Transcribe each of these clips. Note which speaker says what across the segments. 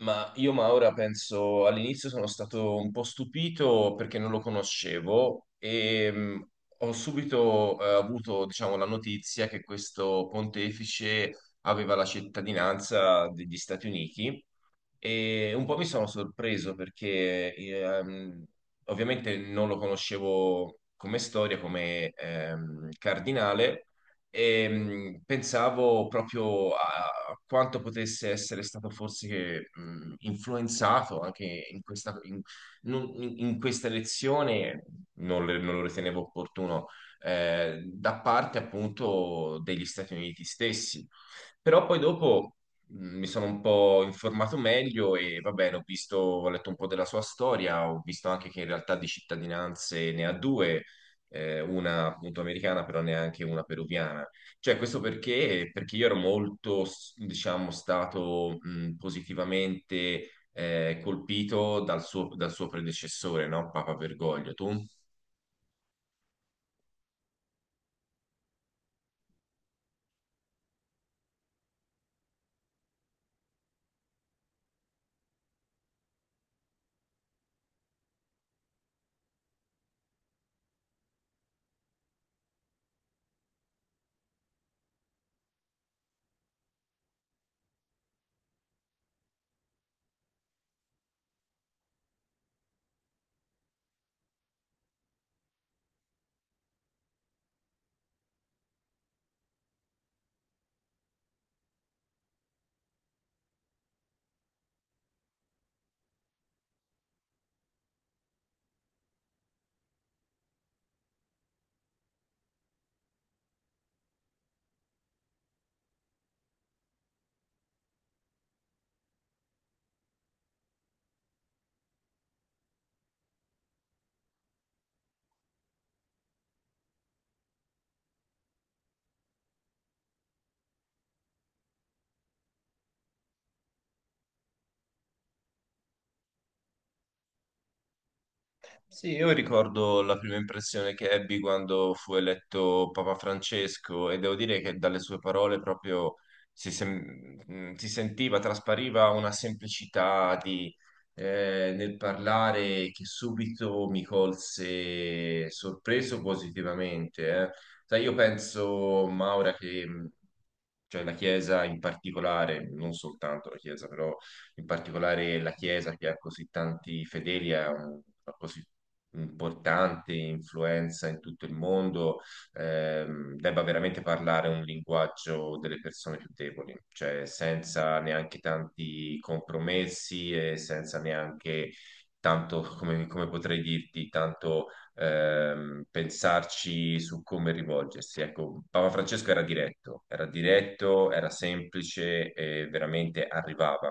Speaker 1: Ma io Maura penso all'inizio sono stato un po' stupito perché non lo conoscevo e ho subito avuto, diciamo, la notizia che questo pontefice aveva la cittadinanza degli Stati Uniti e un po' mi sono sorpreso perché ovviamente non lo conoscevo come storia, come cardinale, e pensavo proprio a quanto potesse essere stato forse influenzato anche in questa, in, non- in- in questa elezione, non lo ritenevo opportuno, da parte appunto degli Stati Uniti stessi. Però poi dopo mi sono un po' informato meglio e va bene, ho visto, ho letto un po' della sua storia, ho visto anche che in realtà di cittadinanze ne ha due, una appunto americana, però neanche una peruviana. Cioè, questo perché? Perché io ero diciamo, stato positivamente colpito dal suo predecessore, no? Papa Bergoglio. Tu? Sì, io ricordo la prima impressione che ebbi quando fu eletto Papa Francesco e devo dire che dalle sue parole proprio si sentiva, traspariva una semplicità di, nel parlare che subito mi colse sorpreso positivamente. Sai, io penso, Maura, che cioè la Chiesa in particolare, non soltanto la Chiesa, però in particolare la Chiesa che ha così tanti fedeli, una così importante influenza in tutto il mondo, debba veramente parlare un linguaggio delle persone più deboli, cioè senza neanche tanti compromessi e senza neanche tanto, come, come potrei dirti, tanto pensarci su come rivolgersi. Ecco, Papa Francesco era diretto, era diretto, era semplice e veramente arrivava.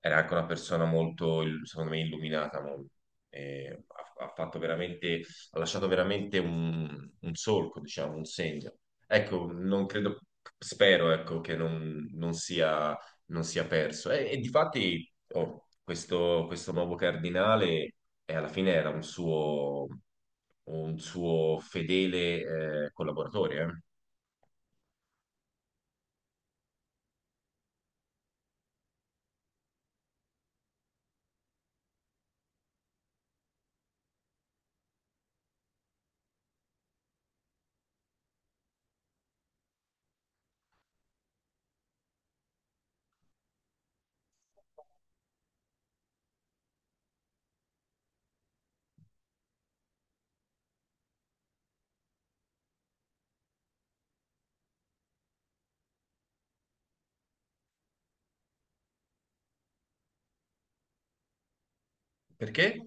Speaker 1: Era anche una persona molto, secondo me, illuminata. Mo- e ha fatto veramente, ha lasciato veramente un solco, diciamo, un segno. Ecco, non credo, spero, ecco, che non, non sia, non sia perso. E difatti, oh, questo nuovo cardinale e alla fine era un suo fedele collaboratore. Perché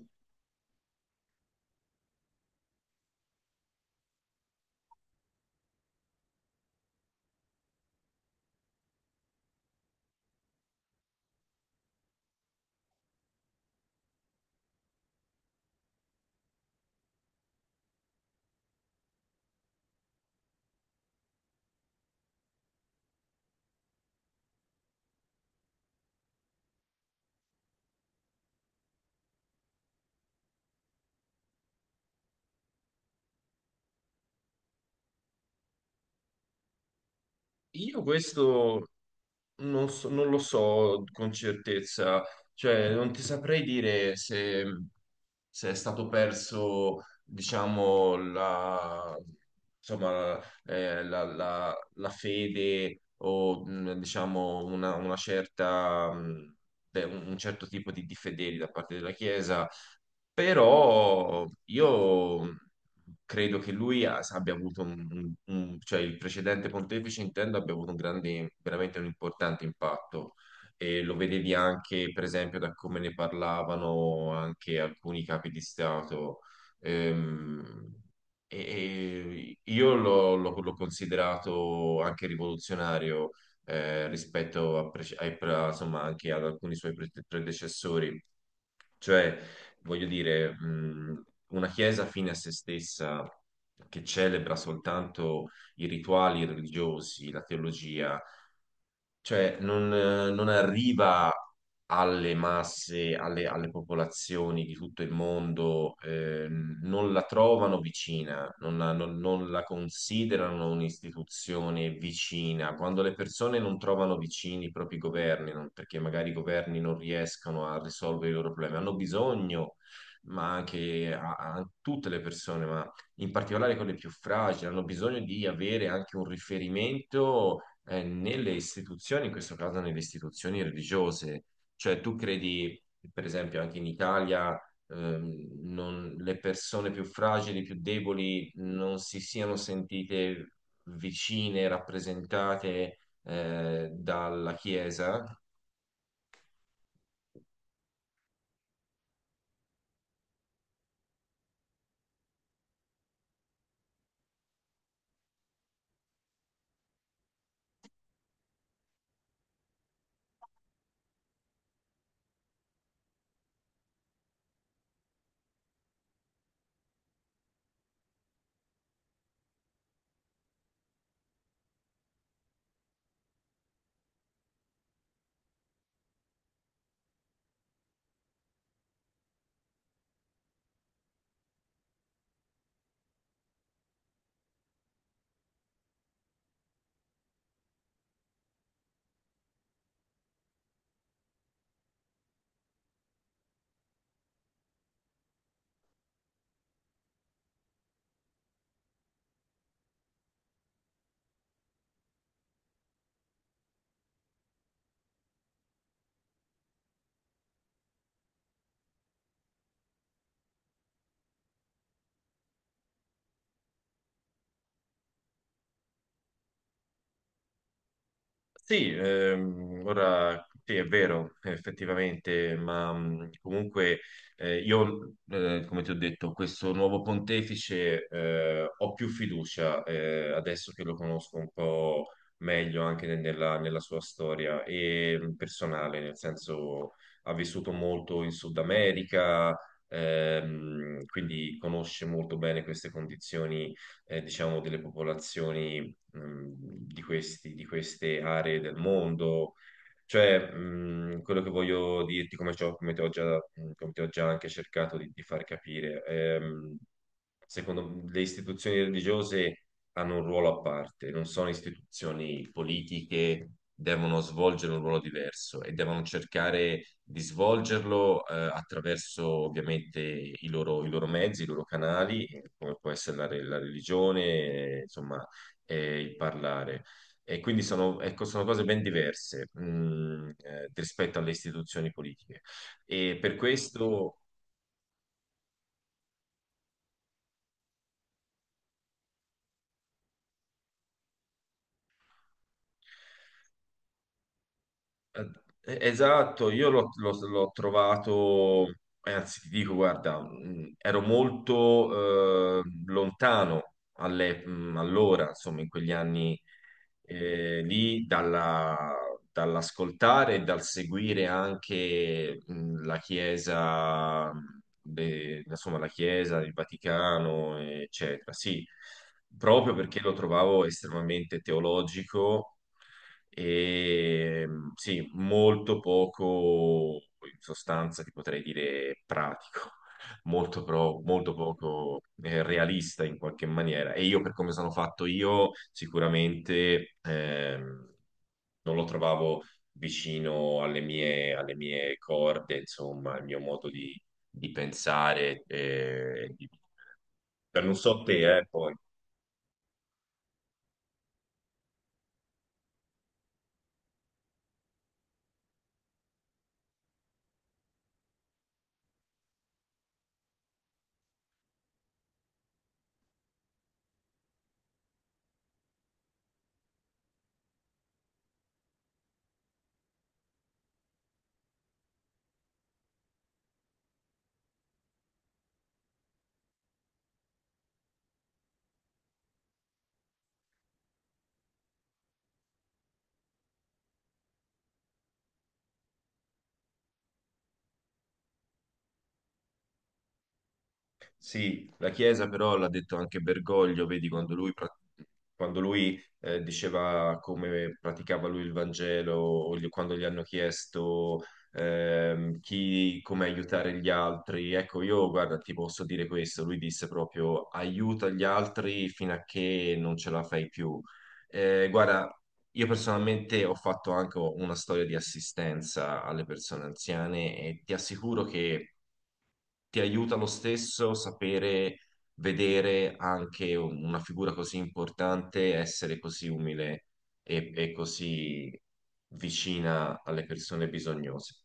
Speaker 1: io questo non lo so con certezza, cioè non ti saprei dire se, se è stato perso, diciamo, la, insomma, la fede o diciamo una certa, un certo tipo di fedeli da parte della Chiesa però io credo che abbia avuto cioè il precedente pontefice intendo abbia avuto un grande, veramente un importante impatto e lo vedevi anche per esempio da come ne parlavano anche alcuni capi di Stato, Ehm, e, e io l'ho considerato anche rivoluzionario rispetto a, prece- ai- pra- insomma, anche ad alcuni suoi predecessori, cioè, voglio dire, una chiesa fine a se stessa che celebra soltanto i rituali religiosi, la teologia, cioè non, non arriva alle masse, alle popolazioni di tutto il mondo, non la trovano vicina, non la considerano un'istituzione vicina. Quando le persone non trovano vicini i propri governi, perché magari i governi non riescono a risolvere i loro problemi, hanno bisogno, ma anche a tutte le persone, in particolare quelle più fragili, hanno bisogno di avere anche un riferimento nelle istituzioni, in questo caso nelle istituzioni religiose. Cioè, tu credi, per esempio, anche in Italia, le persone più fragili, più deboli, non si siano sentite vicine, rappresentate dalla Chiesa? Sì, ora sì, è vero, effettivamente, ma comunque io, come ti ho detto, questo nuovo pontefice ho più fiducia adesso che lo conosco un po' meglio anche nella sua storia e personale, nel senso ha vissuto molto in Sud America, quindi conosce molto bene queste condizioni, diciamo, delle popolazioni di queste aree del mondo. Cioè, quello che voglio dirti, come ti ho già, come ti ho già anche cercato di far capire, secondo le istituzioni religiose hanno un ruolo a parte, non sono istituzioni politiche, devono svolgere un ruolo diverso e devono cercare di svolgerlo attraverso ovviamente i loro mezzi, i loro canali, come può essere la, la religione, insomma, il parlare. E quindi sono, ecco, sono cose ben diverse, mm, rispetto alle istituzioni politiche. E per questo Eh, esatto, io l'ho trovato, anzi ti dico, guarda, ero molto lontano allora, insomma, in quegli anni eh, lì, dalla- dall'ascoltare e dal seguire anche la Chiesa, insomma, la Chiesa, il Vaticano, eccetera. Sì, proprio perché lo trovavo estremamente teologico e sì, molto poco, in sostanza ti potrei dire pratico, molto, molto poco realista in qualche maniera. E io, per come sono fatto io, sicuramente non lo trovavo vicino alle mie corde, insomma, al mio modo di pensare, per non so te, poi. Sì, la Chiesa però l'ha detto anche Bergoglio, vedi, quando lui, diceva come praticava lui il Vangelo, quando gli hanno chiesto come aiutare gli altri, ecco, io guarda, ti posso dire questo, lui disse proprio aiuta gli altri fino a che non ce la fai più. Guarda, io personalmente ho fatto anche una storia di assistenza alle persone anziane e ti assicuro che ti aiuta lo stesso sapere vedere anche una figura così importante, essere così umile e così vicina alle persone bisognose.